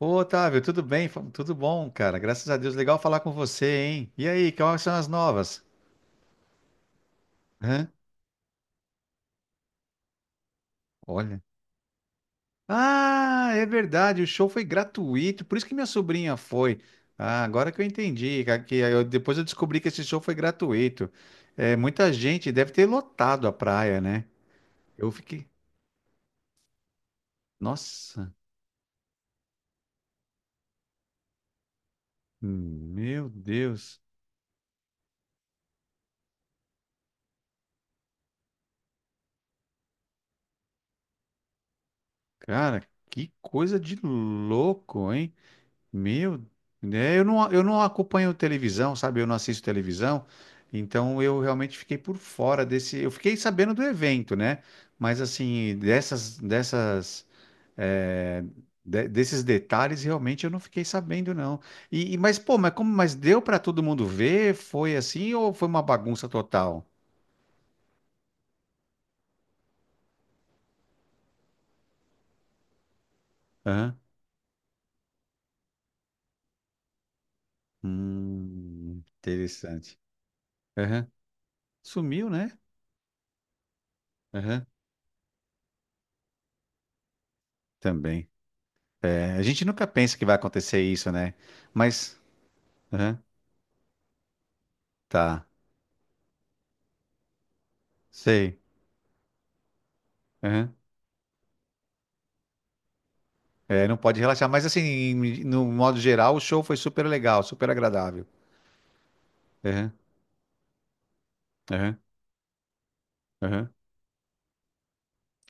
Ô, Otávio, tudo bem? Tudo bom, cara? Graças a Deus, legal falar com você, hein? E aí, quais são as novas? Hã? Olha. Ah, é verdade, o show foi gratuito, por isso que minha sobrinha foi. Ah, agora que eu entendi, cara, depois eu descobri que esse show foi gratuito. É, muita gente deve ter lotado a praia, né? Eu fiquei, nossa, meu Deus, cara, que coisa de louco, hein? Meu, né, eu não acompanho televisão, sabe? Eu não assisto televisão, então eu realmente fiquei por fora desse. Eu fiquei sabendo do evento, né? Mas assim, eh, desses detalhes realmente eu não fiquei sabendo, não. Mas pô, mas como, mas deu para todo mundo ver? Foi assim ou foi uma bagunça total? Aham. Interessante. Aham. Sumiu, né? Aham. Também. É, a gente nunca pensa que vai acontecer isso, né? Mas aham, tá, sei. Aham. É, não pode relaxar, mas assim, no modo geral, o show foi super legal, super agradável. Aham, aham, aham,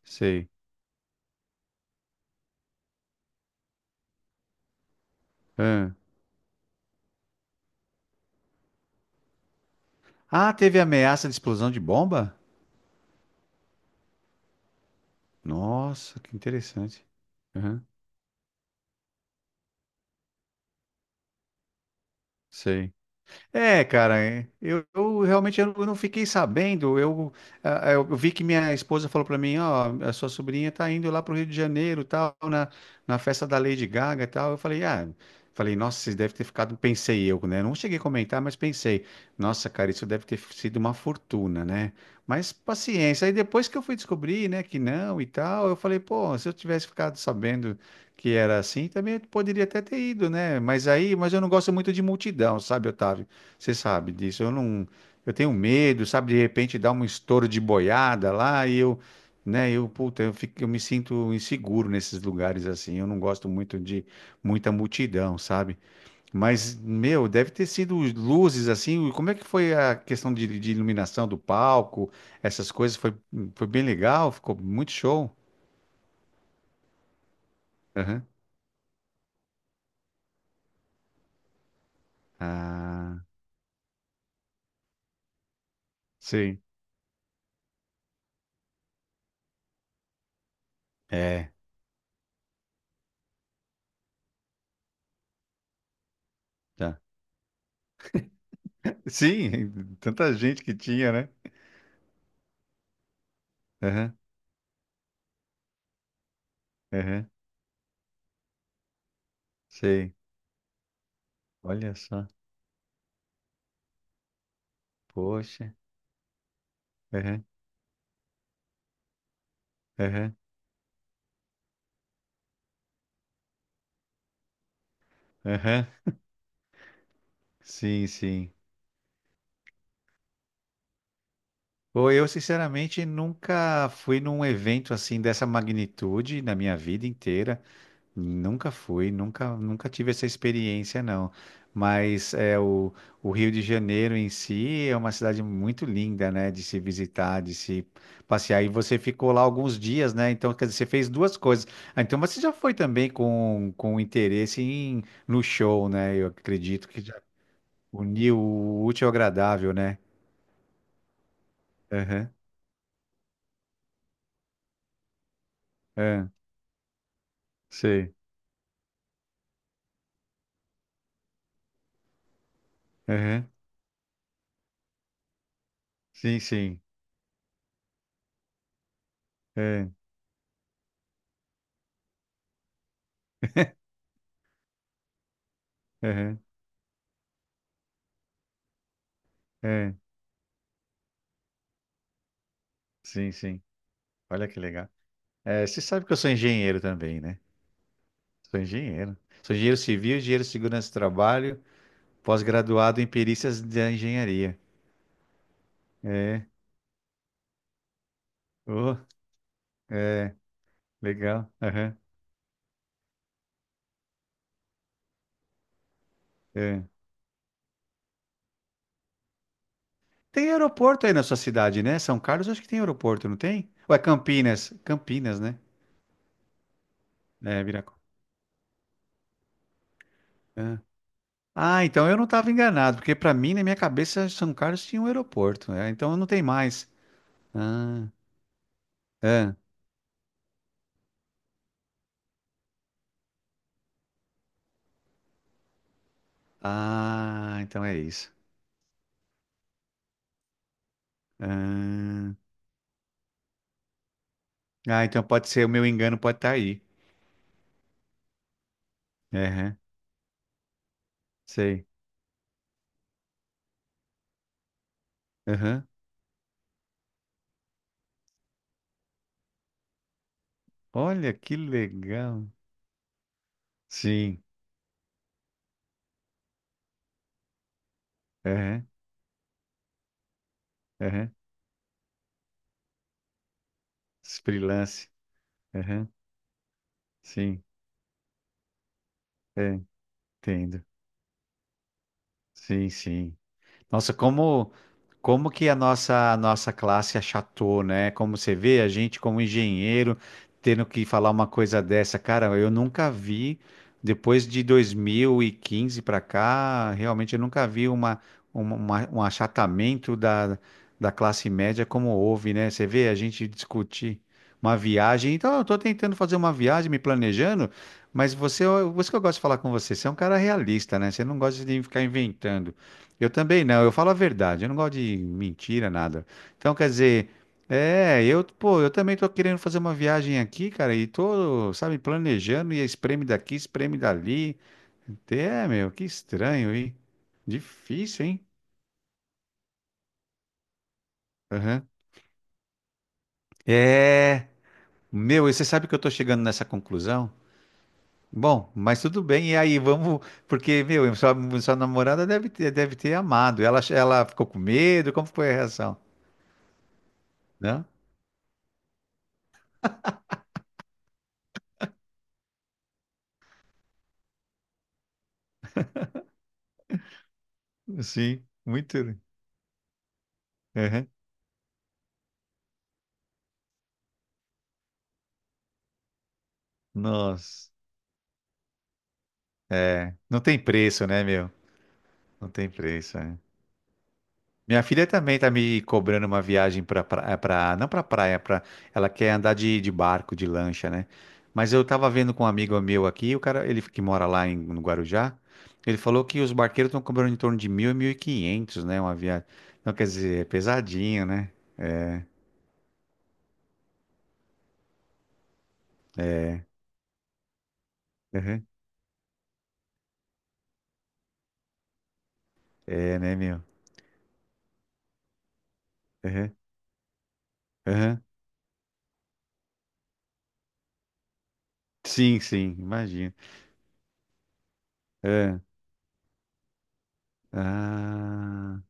sei. Aham. Ah, teve ameaça de explosão de bomba? Nossa, que interessante. Aham, sei. É, cara, é. Eu realmente eu não fiquei sabendo. Eu, ah, eu vi que minha esposa falou para mim, ó, a sua sobrinha tá indo lá pro Rio de Janeiro, tal, na, na festa da Lady Gaga, e tal. Eu falei, ah, falei, nossa, vocês devem ter ficado, pensei eu, né? Não cheguei a comentar, mas pensei, nossa, cara, isso deve ter sido uma fortuna, né? Mas paciência. Aí depois que eu fui descobrir, né, que não e tal, eu falei, pô, se eu tivesse ficado sabendo que era assim, também eu poderia até ter ido, né? Mas aí, mas eu não gosto muito de multidão, sabe, Otávio? Você sabe disso. Eu não, eu tenho medo, sabe? De repente dá um estouro de boiada lá e eu, né? Eu, puta, eu fico, eu me sinto inseguro nesses lugares assim. Eu não gosto muito de muita multidão, sabe? Mas, meu, deve ter sido luzes assim. Como é que foi a questão de iluminação do palco? Essas coisas foi, foi bem legal. Ficou muito show. Aham. Ah, sim. É, tá. Sim, tanta gente que tinha, né? Aham, aham, sei. Olha só, poxa. Aham, aham, aham. Sim, sim. Pô, eu sinceramente nunca fui num evento assim dessa magnitude na minha vida inteira. Nunca fui, nunca, nunca tive essa experiência, não. Mas é o Rio de Janeiro em si é uma cidade muito linda, né? De se visitar, de se passear. E você ficou lá alguns dias, né? Então, quer dizer, você fez duas coisas. Ah, então, você já foi também com interesse no show, né? Eu acredito que já unir o útil ao agradável, né? Aham, aham, sei. Aham, sim, sim. Aham, aham, aham, sim, sim. Olha que legal. É, você sabe que eu sou engenheiro também, né? Sou engenheiro. Sou engenheiro civil, engenheiro de segurança do trabalho, pós-graduado em perícias da engenharia. É, oh, é, legal. Aham, é. Tem aeroporto aí na sua cidade, né? São Carlos, acho que tem aeroporto, não tem? Ou é Campinas? Campinas, né? É, Viracopos. Ah, então eu não estava enganado, porque para mim, na minha cabeça, São Carlos tinha um aeroporto, né? Então não tem mais. Ah, ah, ah, então é isso. Ah, ah, então pode ser, o meu engano pode estar aí. Aham, sei. Aham. Olha que legal. Sim, aham, aham. Freelance. Aham, sim, é, entendo. Sim, sim. Nossa, como como que a nossa classe achatou, né? Como você vê, a gente como engenheiro tendo que falar uma coisa dessa, cara, eu nunca vi depois de 2015 para cá, realmente eu nunca vi um achatamento da classe média como houve, né? Você vê a gente discutir uma viagem. Então, eu tô tentando fazer uma viagem, me planejando, mas você, por isso que eu gosto de falar com você, você é um cara realista, né? Você não gosta de ficar inventando. Eu também não, eu falo a verdade, eu não gosto de mentira, nada. Então, quer dizer, é, eu, pô, eu também tô querendo fazer uma viagem aqui, cara, e tô, sabe, planejando e é espreme daqui, espreme dali. É, meu, que estranho, hein? Difícil, hein? Aham. É, meu, e você sabe que eu tô chegando nessa conclusão? Bom, mas tudo bem, e aí, vamos, porque, meu, sua, sua namorada deve ter amado. Ela ficou com medo, como foi a reação? Não? Sim, muito. Uhum. Nossa, é, não tem preço, né, meu? Não tem preço, é. Minha filha também tá me cobrando uma viagem pra, pra, não pra praia, pra, ela quer andar de barco, de lancha, né? Mas eu tava vendo com um amigo meu aqui, o cara, ele que mora lá no Guarujá, ele falou que os barqueiros estão cobrando em torno de 1.000 e 1.500, né, uma viagem. Então, quer dizer, é pesadinho, né? É, uhum. É, né, meu? Uhum. Uhum. Sim, sim, imagino. É. Ah.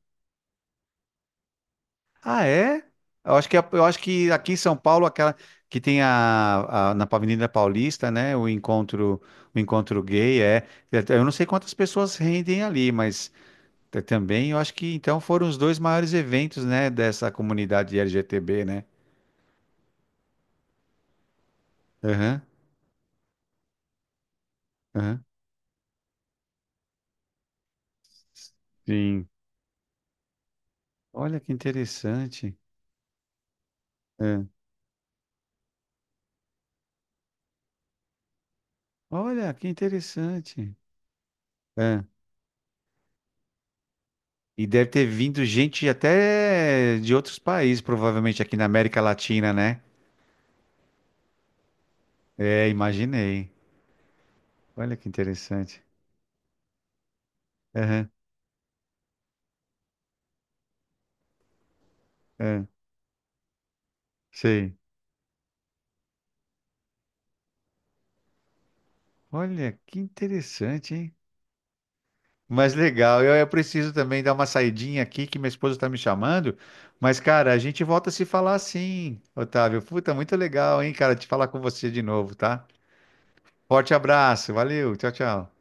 Ah, é? Eu acho que, eu acho que aqui em São Paulo, aquela que tem a, na Avenida Paulista, né? O encontro gay é. Eu não sei quantas pessoas rendem ali, mas também eu acho que então foram os dois maiores eventos, né? Dessa comunidade LGTB, né? Aham, aham. Sim. Olha que interessante. É. Olha que interessante. É. E deve ter vindo gente até de outros países, provavelmente aqui na América Latina, né? É, imaginei. Olha que interessante. Aham, aham, sei. Olha que interessante, hein? Mas legal. Eu preciso também dar uma saidinha aqui que minha esposa está me chamando. Mas, cara, a gente volta a se falar sim, Otávio. Puta, muito legal, hein, cara, te falar com você de novo, tá? Forte abraço. Valeu. Tchau, tchau.